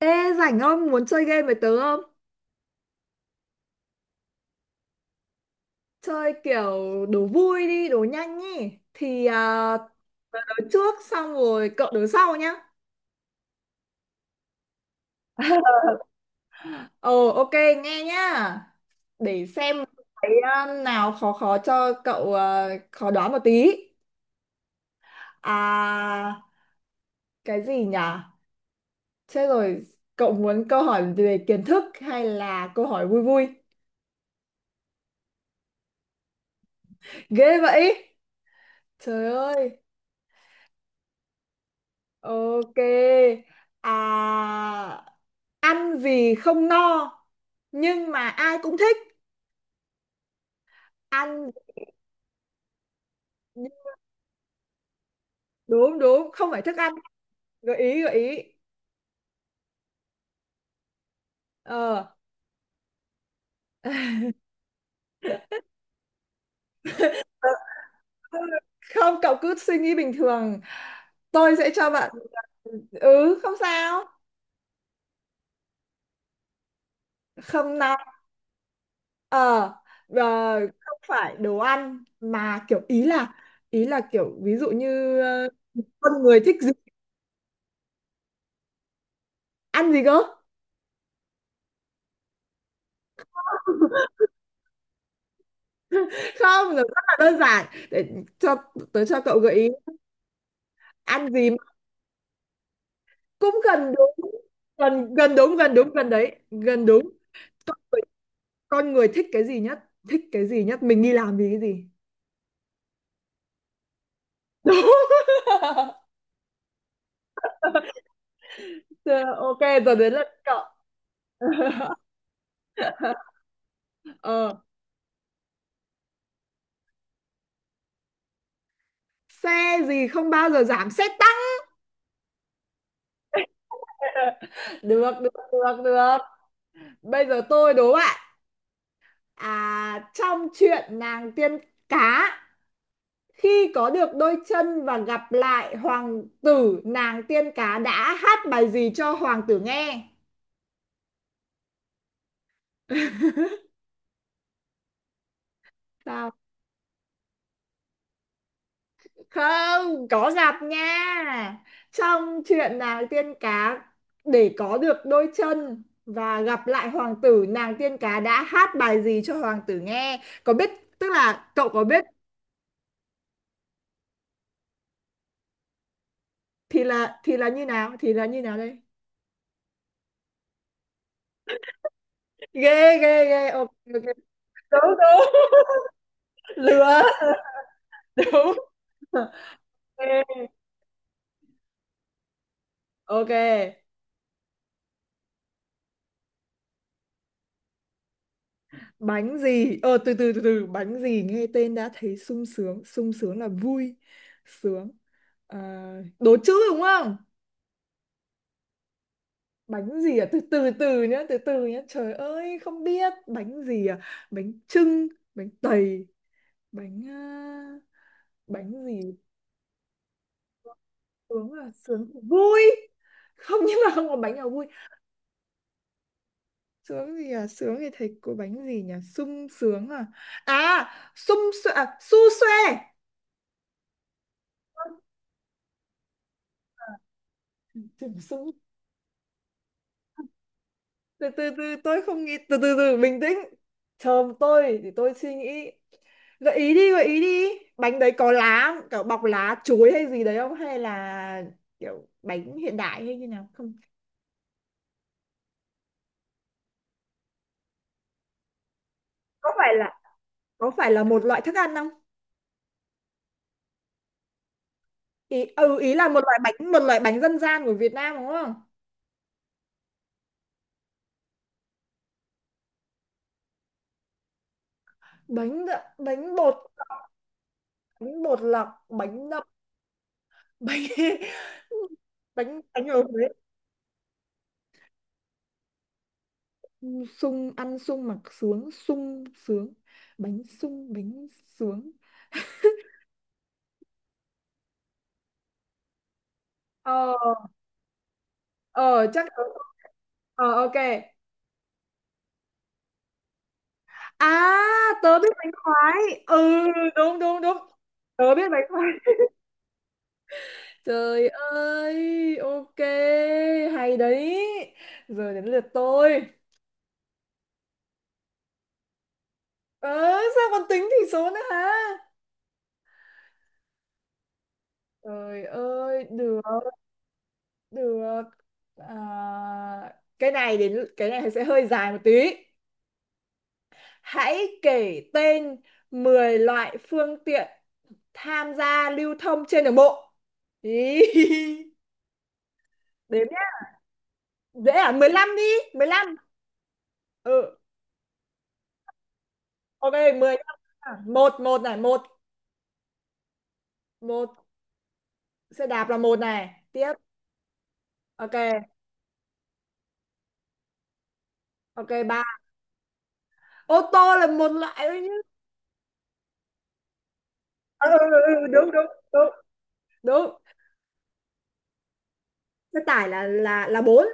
Ê, rảnh không? Muốn chơi game với tớ không? Chơi kiểu đố vui đi, đố nhanh ý. Tớ trước xong rồi cậu đố sau nhá. Ok, nghe nhá. Để xem nào khó khó cho cậu, à, khó đoán một tí. À, cái gì nhỉ? Chết rồi, cậu muốn câu hỏi về kiến thức hay là câu hỏi vui vui? Ghê vậy! Trời ơi! Ok. À... Ăn vì không no nhưng mà ai cũng thích. Ăn đúng, không phải thức ăn. Gợi ý, gợi ý. ờ Không, cậu cứ suy nghĩ bình thường, tôi sẽ cho bạn. Ừ, không sao. Không no. ờ Không phải đồ ăn mà kiểu, ý là kiểu ví dụ như, con người thích gì? Ăn gì cơ? Không, nó rất là đơn giản. Để cho cho cậu gợi ý. Ăn gì? Cũng gần đúng. Gần gần đúng, gần đúng, gần đấy, gần đúng. Con người, con người thích cái gì nhất? Thích cái gì nhất, mình đi làm vì cái gì? Đúng. Ờ, ok, giờ đến lượt cậu. ờ, Xe gì không bao giờ giảm? Xe tăng. Được được. Bây giờ tôi đố bạn. Trong chuyện nàng tiên cá, khi có được đôi chân và gặp lại hoàng tử, nàng tiên cá đã hát bài gì cho hoàng tử nghe? Tao không có giặt nha. Trong chuyện nàng tiên cá, để có được đôi chân và gặp lại hoàng tử, nàng tiên cá đã hát bài gì cho hoàng tử nghe? Có biết, tức là cậu có biết. Thì là Như nào? Thì là như nào đây? Ghê ghê Ghê. Ok, ok. Đúng đúng. Lừa. Đúng. Ok. Ok. Bánh gì? ờ, từ từ từ từ, bánh gì nghe tên đã thấy sung sướng? Sung sướng là vui, sướng. à, Đố chữ đúng không? Bánh gì? À từ từ từ nhá, từ từ nhá, trời ơi không biết bánh gì. Bánh chưng, bánh tày, bánh à, bánh gì? Sướng là sướng thì vui. Không, nhưng mà không có bánh nào vui. Sướng gì, à sướng thì thấy có bánh gì nhỉ? Sung sướng. À Sung xoe, su xoe. Tưởng sung. Từ từ từ Tôi không nghĩ, từ từ từ bình tĩnh, chờ tôi thì tôi suy nghĩ. Gợi ý đi, gợi ý đi. Bánh đấy có lá không? Kiểu bọc lá chuối hay gì đấy, không hay là kiểu bánh hiện đại hay như nào không? Có phải là, có phải là một loại thức ăn không? Ý, ừ, ý là một loại bánh, một loại bánh dân gian của Việt Nam đúng không? Bánh bột, bánh bột lọc, bánh nậm, bánh bánh, bánh ở Huế. Sung, ăn sung mặc sướng, sung sướng. Bánh sung, bánh sướng. ờ ờ chắc tớ- ờ ok. À, tớ biết bánh khoái. Ừ, đúng đúng đúng, tớ biết bánh khoái. Trời ơi, ok, hay đấy. Giờ đến lượt tôi. ờ, sao còn tính tỷ số nữa hả? Trời ơi, được, được. à, cái này, đến cái này sẽ hơi dài một tí. Hãy kể tên 10 loại phương tiện tham gia lưu thông trên đường bộ. Ý, đếm nhé. Dễ à? 15 đi, 15. Ừ. Ok, 15. Một, một này, một, một xe đạp là một này. Tiếp. Ok, ok, ba. Ô tô là một loại thôi nhé. Ừ, ừ, ừ, ừ, đúng đúng đúng đúng. Xe tải là bốn.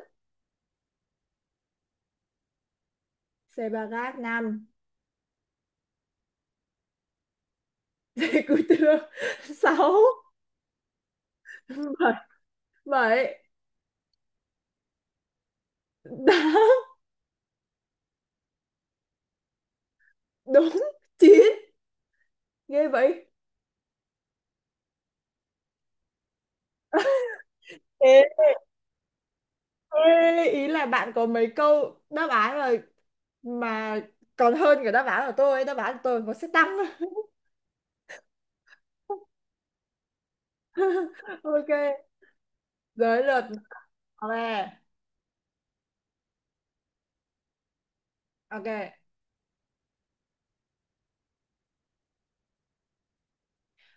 Xe ba gác năm. Xe cứu thương sáu, bảy, bảy tám, đúng, chín, ghê vậy. Ê, ê, ý là bạn có mấy câu đáp án mà còn hơn cả đáp án của tôi. Đáp án của tôi có sẽ tăng. Ok. Giới luật. Ok, ok,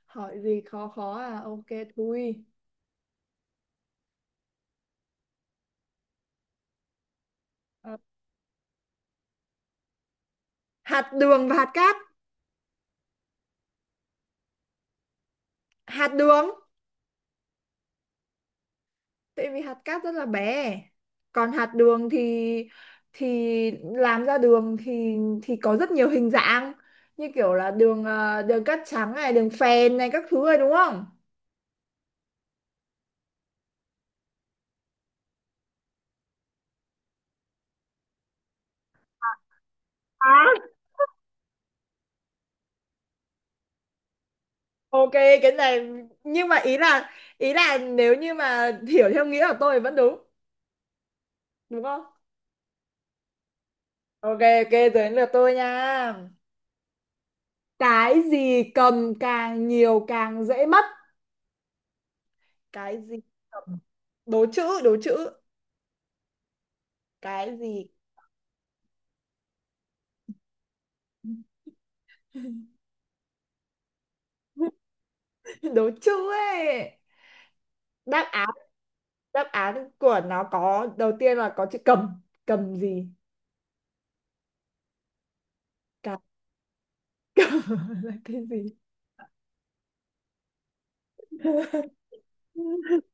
hỏi gì khó khó à, ok thui. Ờ, hạt đường và hạt cát. Hạt đường. Tại vì hạt cát rất là bé, còn hạt đường thì làm ra đường thì có rất nhiều hình dạng, như kiểu là đường, đường cát trắng này, đường phèn này, các thứ này, đúng không? À, ok, cái này nhưng mà ý là, ý là nếu như mà hiểu theo nghĩa của tôi thì vẫn đúng, đúng không? Ok, ok, đến lượt tôi nha. Cái gì cầm càng nhiều càng dễ mất? Cái gì cầm? Đố chữ, đố chữ. Cái gì? Đố chữ ấy. Đáp án, đáp án của nó có đầu tiên là có chữ cầm. Cầm gì? Cầm? Là cái gì?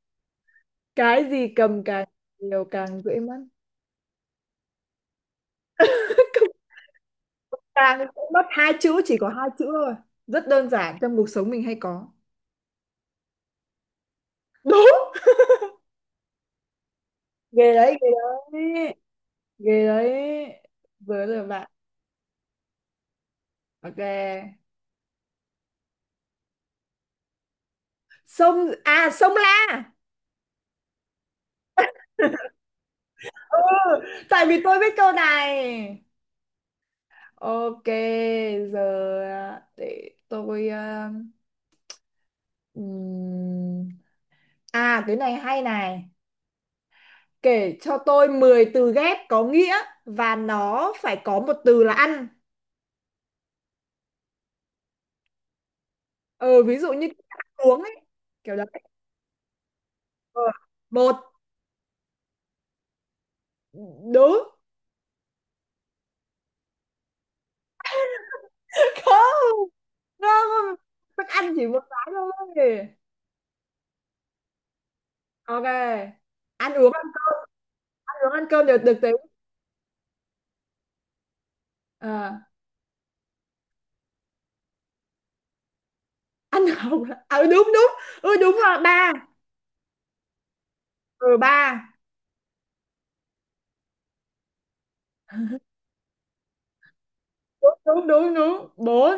Cái gì cầm càng nhiều càng dễ mất? Càng, cũng mất hai chữ, chỉ có hai chữ thôi, rất đơn giản trong cuộc sống mình hay có. Đúng. Ghê đấy, ghê đấy, ghê đấy. Với rồi bạn. Ok. Sông à, sông La. Ừ, tại vì tôi biết câu này. Ok, giờ, để tôi, ừm, à cái này hay này. Kể cho tôi 10 từ ghép có nghĩa và nó phải có một từ là ăn. ờ, ví dụ như ăn uống ấy, kiểu đấy. Ờ, một. Đúng. Không, không, thức ăn chỉ một cái thôi. Ok, ăn uống, ăn, ăn uống, ăn cơm đều được tính. Ờ, ăn học, à, đúng đúng. Ừ, đúng rồi, ba. Ừ ba. Đúng đúng đúng đúng, bốn.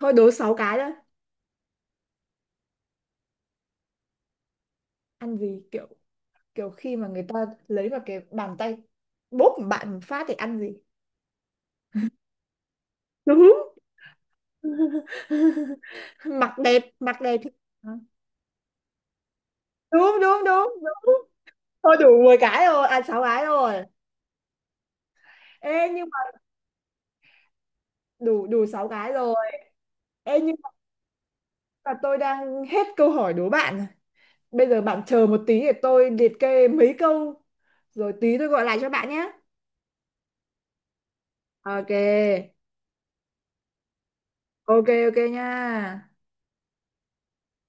Thôi đố sáu cái đó. Ăn gì kiểu, kiểu khi mà người ta lấy vào cái bàn tay bóp một bạn một phát thì ăn gì? Đúng. Mặc đẹp, đúng đúng đúng đúng. Thôi đủ 10 cái rồi, à sáu cái rồi. Ê nhưng mà, đủ, đủ 6 cái rồi. Ê, nhưng mà tôi đang hết câu hỏi đố bạn rồi. Bây giờ bạn chờ một tí để tôi liệt kê mấy câu rồi tí tôi gọi lại cho bạn nhé. Ok. Ok, ok nha.